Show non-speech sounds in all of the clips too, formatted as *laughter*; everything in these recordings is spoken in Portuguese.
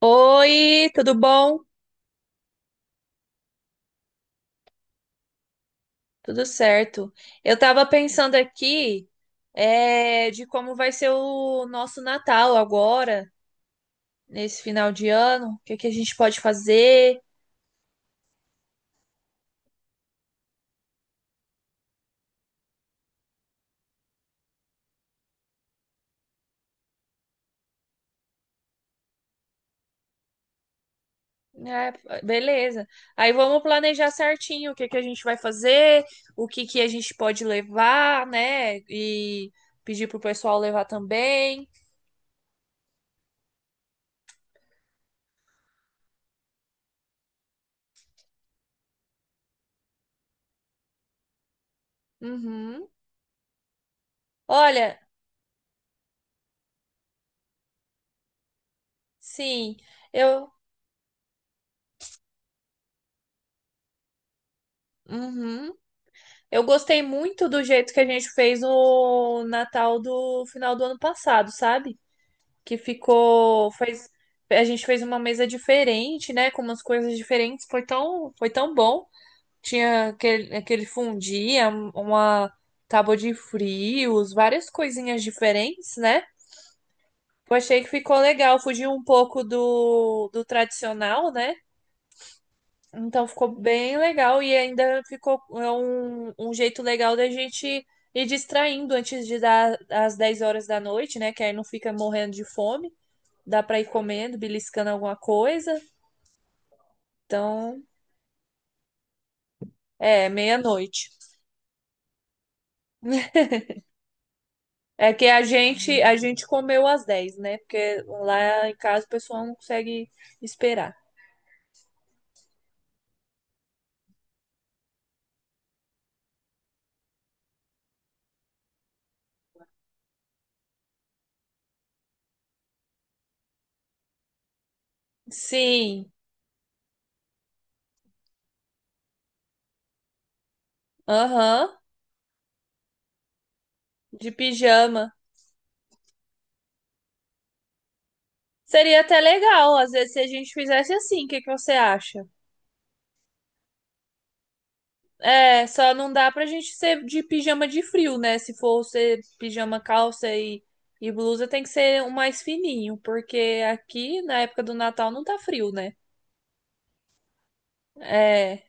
Oi, tudo bom? Tudo certo. Eu tava pensando aqui, de como vai ser o nosso Natal agora, nesse final de ano, o que que a gente pode fazer. É, beleza. Aí vamos planejar certinho o que que a gente vai fazer, o que que a gente pode levar, né? E pedir pro pessoal levar também. Uhum. Olha, sim, eu. Uhum. Eu gostei muito do jeito que a gente fez o Natal do final do ano passado, sabe? Que ficou, fez, a gente fez uma mesa diferente, né? Com umas coisas diferentes. Foi tão bom. Tinha aquele fundia, uma tábua de frios, várias coisinhas diferentes, né? Eu achei que ficou legal, fugiu um pouco do tradicional, né? Então ficou bem legal e ainda ficou um jeito legal da gente ir distraindo antes de dar às 10 horas da noite, né? Que aí não fica morrendo de fome. Dá pra ir comendo, beliscando alguma coisa. Então, é, meia-noite. É que a gente comeu às dez, né? Porque lá em casa o pessoal não consegue esperar. Sim. Aham. De pijama. Seria até legal, às vezes, se a gente fizesse assim. O que que você acha? É, só não dá pra gente ser de pijama de frio, né? Se for ser pijama, e blusa, tem que ser um mais fininho, porque aqui na época do Natal não tá frio, né? É.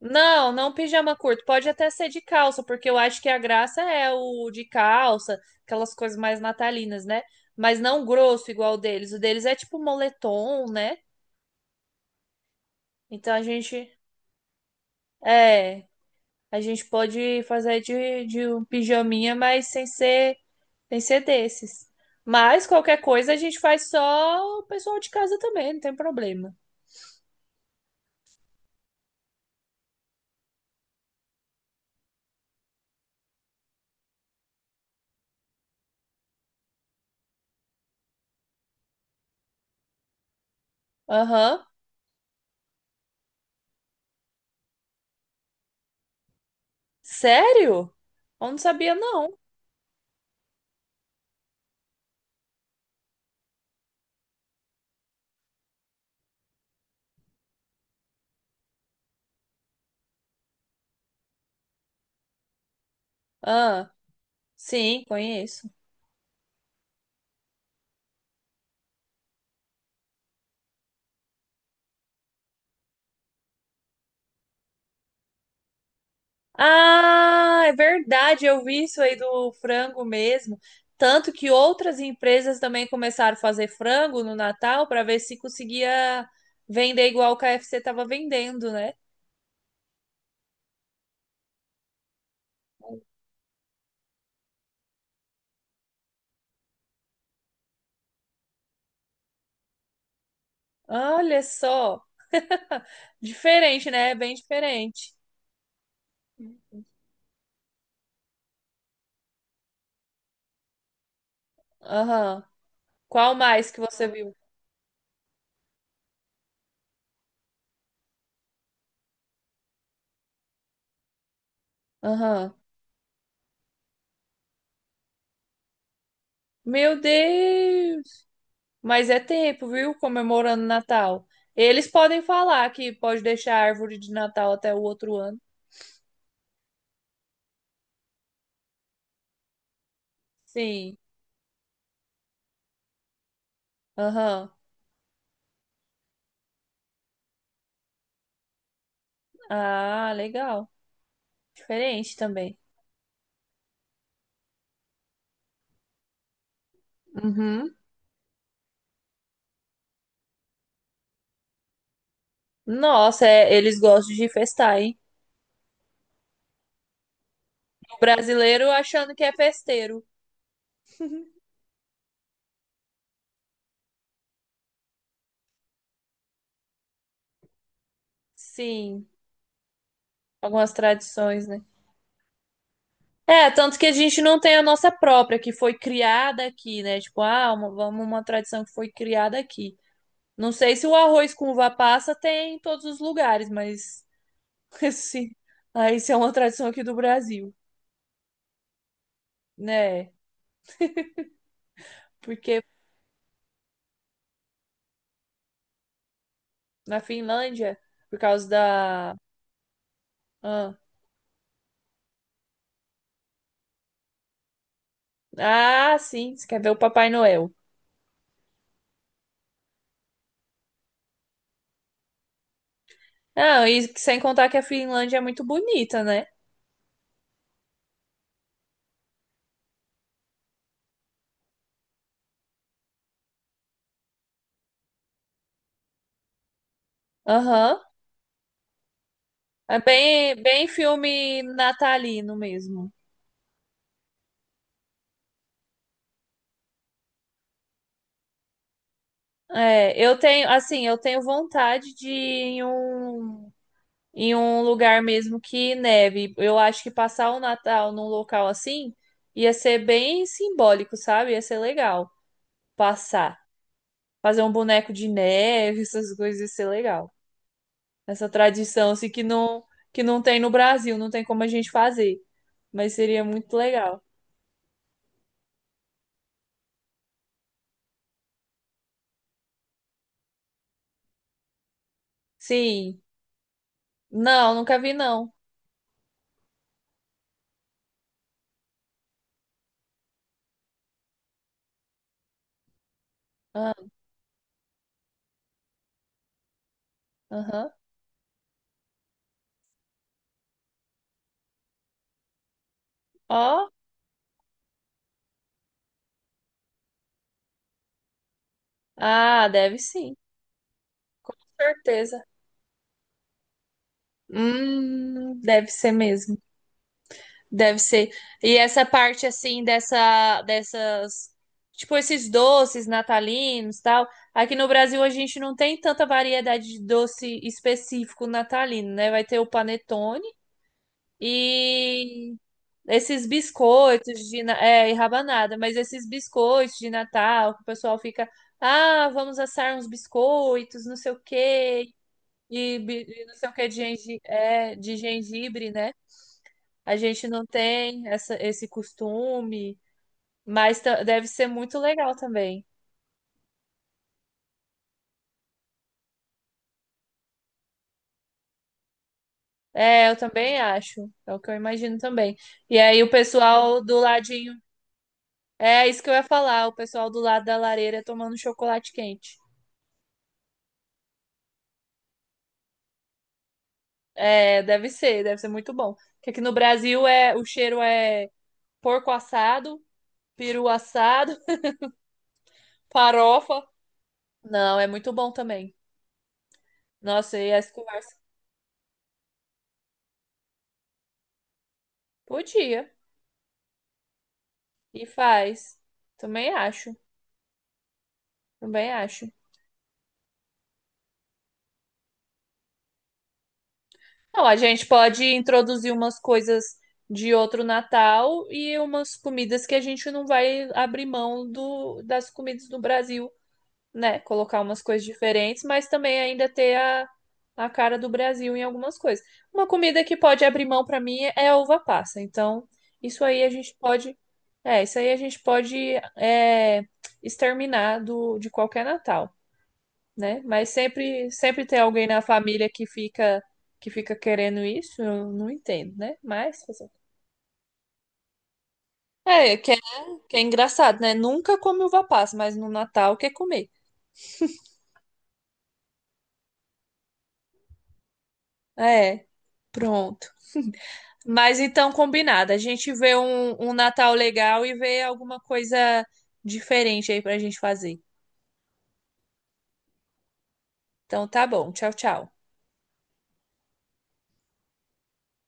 Não, não pijama curto. Pode até ser de calça, porque eu acho que a graça é o de calça, aquelas coisas mais natalinas, né? Mas não grosso igual o deles. O deles é tipo moletom, né? Então a gente. É. A gente pode fazer de um pijaminha, mas sem ser. Tem que ser desses. Mas qualquer coisa a gente faz só o pessoal de casa também, não tem problema. Aham. Sério? Eu não sabia, não. Ah, sim, conheço. Ah, é verdade, eu vi isso aí do frango mesmo. Tanto que outras empresas também começaram a fazer frango no Natal para ver se conseguia vender igual o KFC estava vendendo, né? Olha só, diferente, né? Bem diferente. Aham. Qual mais que você viu? Aham. Meu Deus! Mas é tempo, viu? Comemorando Natal. Eles podem falar que pode deixar a árvore de Natal até o outro ano. Sim. Aham. Ah, legal. Diferente também. Uhum. Nossa, é- eles gostam de festar, hein? O brasileiro achando que é festeiro. Sim. Algumas tradições, né? É, tanto que a gente não tem a nossa própria, que foi criada aqui, né? Tipo, ah, uma- vamos uma tradição que foi criada aqui. Não sei se o arroz com uva passa tem em todos os lugares, mas *laughs* assim, ah, isso é uma tradição aqui do Brasil, né? Porque na Finlândia, por causa da. Ah, ah, sim, você quer ver o Papai Noel. Ah, e sem contar que a Finlândia é muito bonita, né? Aham. É bem filme natalino mesmo. É, eu tenho, assim, eu tenho vontade de ir em um em um lugar mesmo que neve. Eu acho que passar o Natal num local assim ia ser bem simbólico, sabe? Ia ser legal passar. Fazer um boneco de neve, essas coisas ia ser legal. Essa tradição assim que não tem no Brasil, não tem como a gente fazer, mas seria muito legal. Sim. Não, nunca vi não. Ah, aham. Ó. Ah, deve sim. Com certeza. Deve ser mesmo. Deve ser. E essa parte assim dessas tipo esses doces natalinos, tal. Aqui no Brasil a gente não tem tanta variedade de doce específico natalino, né? Vai ter o panetone e esses biscoitos de na- é, e rabanada, mas esses biscoitos de Natal que o pessoal fica, ah, vamos assar uns biscoitos, não sei o quê. E, bi- e não sei o que de, gengi- é, de gengibre, né? A gente não tem esse costume, mas ta- deve ser muito legal também. É, eu também acho. É o que eu imagino também. E aí o pessoal do ladinho. É isso que eu ia falar, o pessoal do lado da lareira tomando chocolate quente. É, deve ser muito bom. Porque aqui no Brasil é, o cheiro é porco assado, peru assado, *laughs* farofa. Não, é muito bom também. Nossa, e essa conversa podia. E faz. Também acho. Também acho. Não, a gente pode introduzir umas coisas de outro Natal e umas comidas que a gente não vai abrir mão das comidas do Brasil, né? Colocar umas coisas diferentes, mas também ainda ter a cara do Brasil em algumas coisas. Uma comida que pode abrir mão para mim é a uva passa. Então, isso aí a gente isso aí a gente pode é, exterminar de qualquer Natal, né? Mas sempre tem alguém na família que fica querendo isso, eu não entendo, né? Mas fazer o quê? Que é engraçado, né? Nunca come uva passa, mas no Natal quer comer. É, pronto. Mas então combinado, a gente vê um Natal legal e vê alguma coisa diferente aí pra gente fazer. Então tá bom, tchau, tchau.